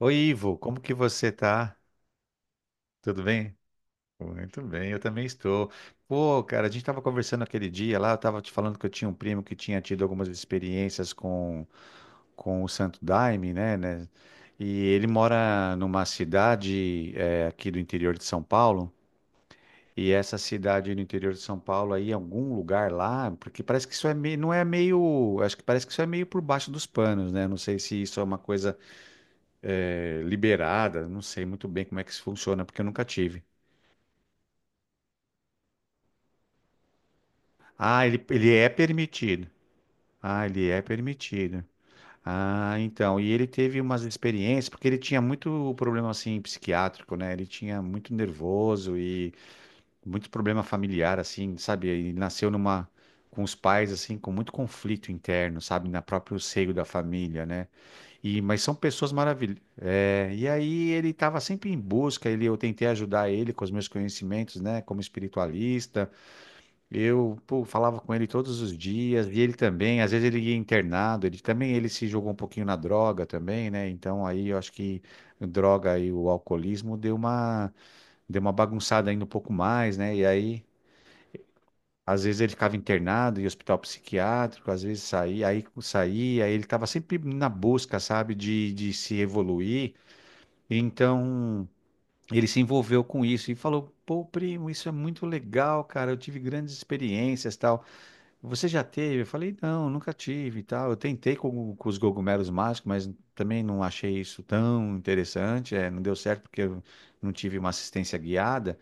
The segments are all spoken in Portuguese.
Oi, Ivo, como que você tá? Tudo bem? Muito bem, eu também estou. Pô, cara, a gente tava conversando aquele dia lá, eu tava te falando que eu tinha um primo que tinha tido algumas experiências com o Santo Daime, né? E ele mora numa cidade aqui do interior de São Paulo, e essa cidade no interior de São Paulo aí, algum lugar lá, porque parece que isso é meio, não é meio, acho que parece que isso é meio por baixo dos panos, né? Não sei se isso é uma coisa liberada, não sei muito bem como é que isso funciona, porque eu nunca tive. Ah, ele é permitido. Ah, ele é permitido. Ah, então, e ele teve umas experiências, porque ele tinha muito problema, assim, psiquiátrico, né? Ele tinha muito nervoso e muito problema familiar, assim, sabe? Ele nasceu numa, com os pais, assim, com muito conflito interno, sabe? Na próprio seio da família, né? E, mas são pessoas maravilhosas. É, e aí ele estava sempre em busca, ele, eu tentei ajudar ele com os meus conhecimentos, né, como espiritualista. Eu, pô, falava com ele todos os dias, e ele também, às vezes ele ia internado, ele também, ele se jogou um pouquinho na droga também, né? Então aí eu acho que a droga e o alcoolismo deu uma bagunçada ainda um pouco mais, né? E aí, às vezes ele ficava internado em hospital psiquiátrico, às vezes saía, aí saía, ele estava sempre na busca, sabe, de se evoluir. Então, ele se envolveu com isso e falou: "Pô, primo, isso é muito legal, cara. Eu tive grandes experiências, tal. Você já teve?" Eu falei: "Não, nunca tive, e tal. Eu tentei com os cogumelos mágicos, mas também não achei isso tão interessante. É, não deu certo porque eu não tive uma assistência guiada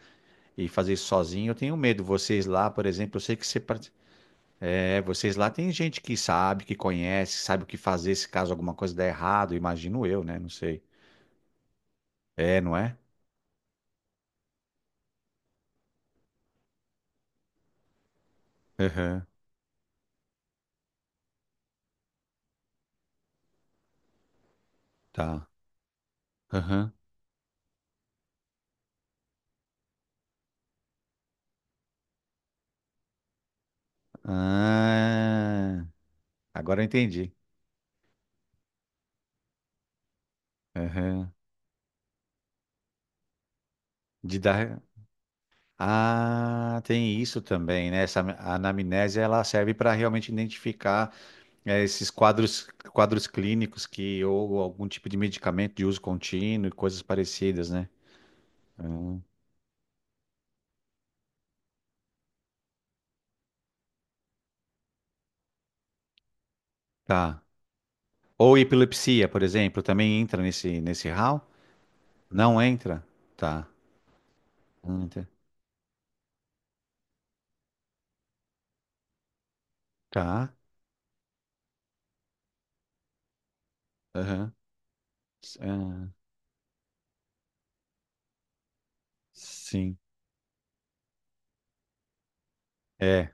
e fazer isso sozinho, eu tenho medo. Vocês lá, por exemplo, eu sei que vocês lá tem gente que sabe, que conhece, sabe o que fazer se caso alguma coisa der errado, imagino eu, né? Não sei. É, não é? Aham. Tá. Aham. Ah, agora eu entendi. Aham. De dar. Ah, tem isso também, né? Essa anamnese ela serve para realmente identificar esses quadros clínicos que ou algum tipo de medicamento de uso contínuo e coisas parecidas, né? Hum, tá. Ou epilepsia, por exemplo, também entra nesse RAW? Não entra? Tá. Não entra. Tá. Aham. S- ah, sim. É.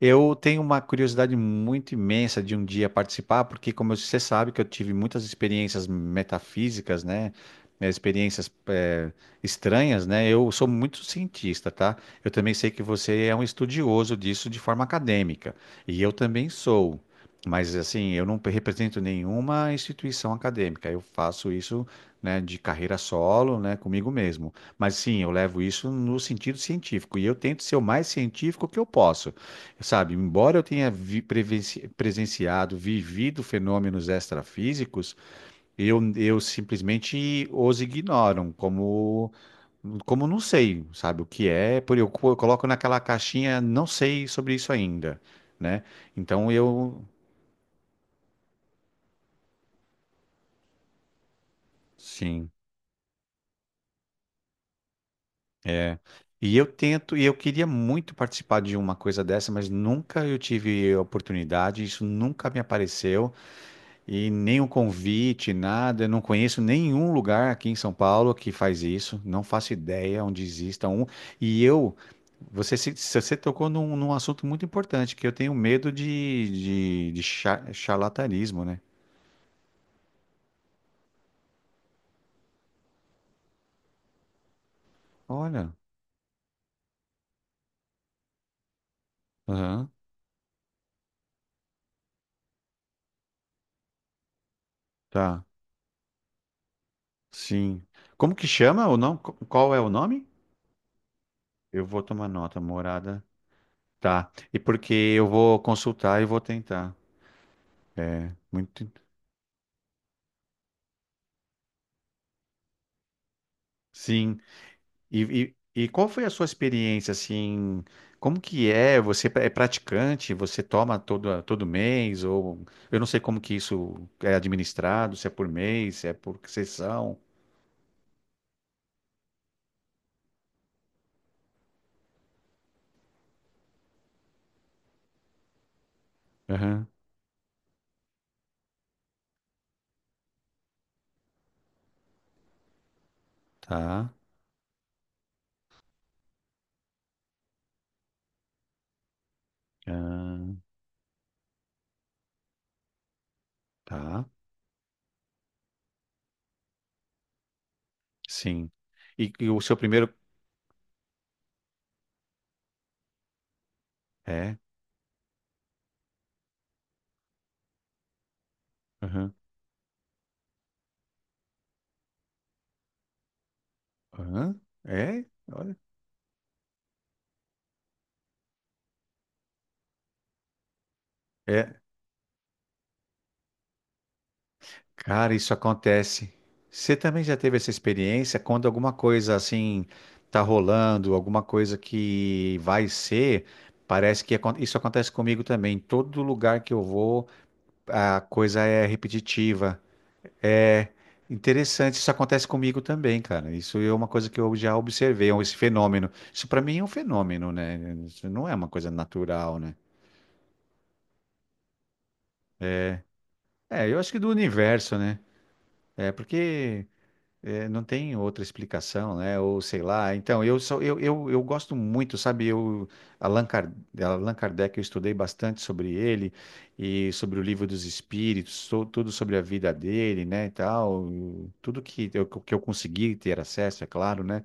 Eu tenho uma curiosidade muito imensa de um dia participar, porque, como você sabe, que eu tive muitas experiências metafísicas, né? Experiências, estranhas, né? Eu sou muito cientista, tá? Eu também sei que você é um estudioso disso de forma acadêmica, e eu também sou. Mas, assim, eu não represento nenhuma instituição acadêmica. Eu faço isso, né, de carreira solo, né, comigo mesmo. Mas, sim, eu levo isso no sentido científico, e eu tento ser o mais científico que eu posso. Sabe, embora eu tenha presenciado, vivido fenômenos extrafísicos, eu simplesmente os ignoram como não sei, sabe, o que é, por eu, eu coloco naquela caixinha, não sei sobre isso ainda, né? Então eu, sim, é. E eu tento, e eu queria muito participar de uma coisa dessa, mas nunca eu tive oportunidade, isso nunca me apareceu. E nenhum convite, nada. Eu não conheço nenhum lugar aqui em São Paulo que faz isso. Não faço ideia onde exista um. E eu, você, você tocou num assunto muito importante, que eu tenho medo de charlatanismo, né? Olha. Aham, tá. Sim. Como que chama ou não? Qual é o nome? Eu vou tomar nota, morada. Tá. E porque eu vou consultar e vou tentar. É, muito. Sim. E qual foi a sua experiência, assim, como que é? Você é praticante? Você toma todo mês? Ou eu não sei como que isso é administrado, se é por mês, se é por sessão. Aham, tá. Ah, tá. Sim. E o seu primeiro... É. Aham. Aham. É? Olha. É, cara, isso acontece. Você também já teve essa experiência quando alguma coisa assim tá rolando, alguma coisa que vai ser, parece que isso acontece comigo também. Todo lugar que eu vou, a coisa é repetitiva. É interessante, isso acontece comigo também, cara. Isso é uma coisa que eu já observei, esse fenômeno. Isso pra mim é um fenômeno, né? Isso não é uma coisa natural, né? É, eu acho que do universo, né? É porque É, não tem outra explicação, né? Ou sei lá. Então, eu gosto muito, sabe? Allan Kardec, eu estudei bastante sobre ele e sobre o Livro dos Espíritos, tudo sobre a vida dele, né, e tal, tudo que eu consegui ter acesso, é claro, né?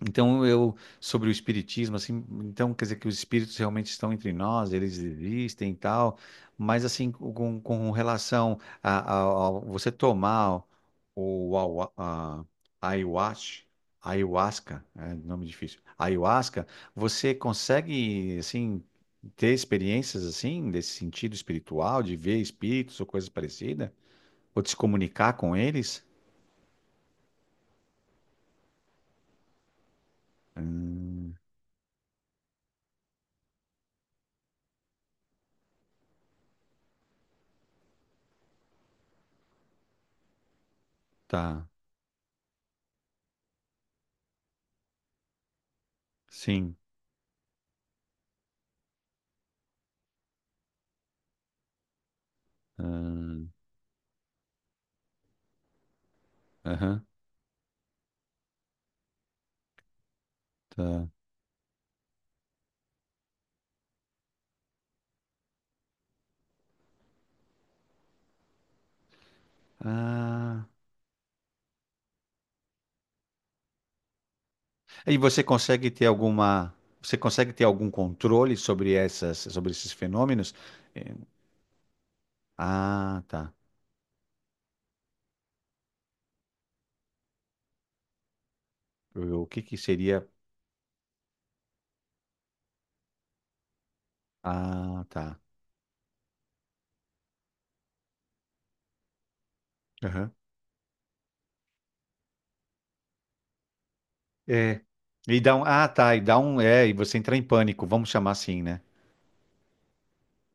Então, eu, sobre o espiritismo, assim, então quer dizer que os espíritos realmente estão entre nós, eles existem e tal, mas assim, com relação você tomar o, awa- a, ayahuasca, ayahuasca, é nome difícil, ayahuasca, você consegue, assim, ter experiências, assim, desse sentido espiritual, de ver espíritos ou coisa parecida, ou de se comunicar com eles? Hum, tá, sim, hum, aham. Tá. Ah. E você consegue ter algum controle sobre sobre esses fenômenos? Eh, Ah, tá. O que que seria? Ah, tá. Aham. É. E dá um, ah, tá. E dá um, é. E você entra em pânico. Vamos chamar assim, né?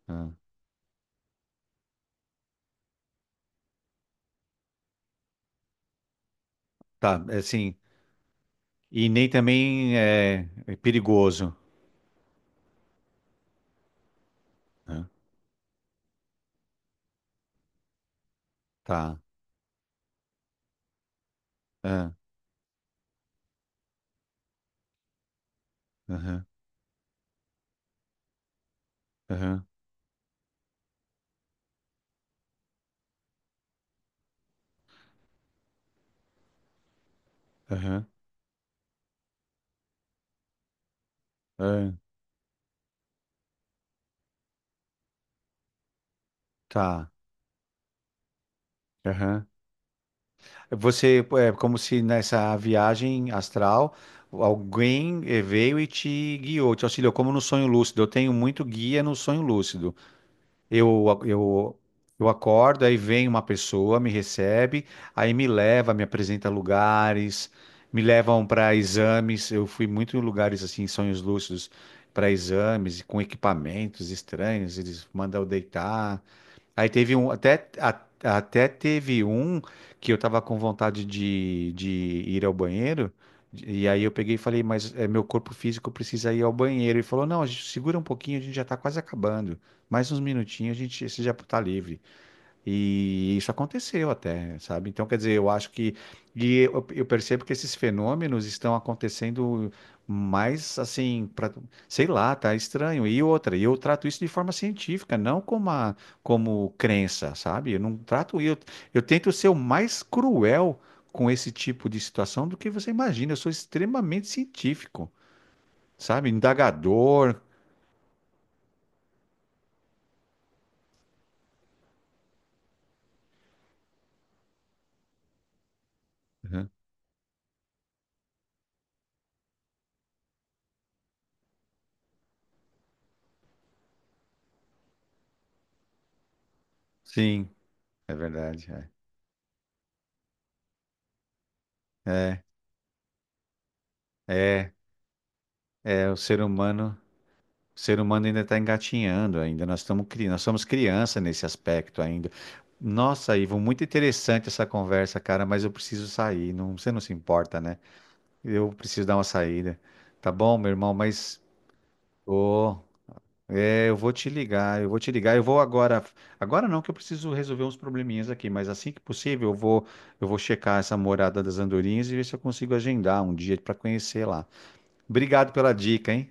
Ah, tá. É assim. E nem também é perigoso. Ah, tá. Ah, aham. Aham. Aham. Aham. Tá. Aham. Você, é como se nessa viagem astral, alguém veio e te guiou, te auxiliou, como no sonho lúcido. Eu tenho muito guia no sonho lúcido. Eu, eu, eu acordo, aí vem uma pessoa, me recebe, aí me leva, me apresenta lugares, me levam para exames. Eu fui muito em lugares assim, em sonhos lúcidos, para exames, com equipamentos estranhos. Eles mandam eu deitar. Aí teve um, até, até teve um que eu tava com vontade de ir ao banheiro, e aí eu peguei e falei, mas é, meu corpo físico precisa ir ao banheiro. E falou, não, a gente segura um pouquinho, a gente já tá quase acabando. Mais uns minutinhos, a gente, você já tá livre. E isso aconteceu até, sabe? Então, quer dizer, eu acho que. E eu percebo que esses fenômenos estão acontecendo mais assim, pra, sei lá, tá estranho. E outra, e eu trato isso de forma científica, não como crença, sabe? Eu não trato. Eu tento ser o mais cruel com esse tipo de situação do que você imagina. Eu sou extremamente científico, sabe? Indagador. Uhum. Sim, é verdade. É, é, é é o ser humano. O ser humano ainda está engatinhando, ainda nós estamos cri... nós somos criança nesse aspecto ainda. Nossa, Ivo, muito interessante essa conversa, cara, mas eu preciso sair. Não, você não se importa, né? Eu preciso dar uma saída. Tá bom, meu irmão, mas ô, eu vou te ligar. Eu vou agora. Agora não, que eu preciso resolver uns probleminhas aqui, mas assim que possível, eu vou checar essa Morada das Andorinhas e ver se eu consigo agendar um dia para conhecer lá. Obrigado pela dica, hein?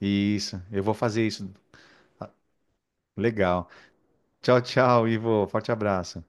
Isso, eu vou fazer isso. Legal. Tchau, tchau, Ivo. Forte abraço.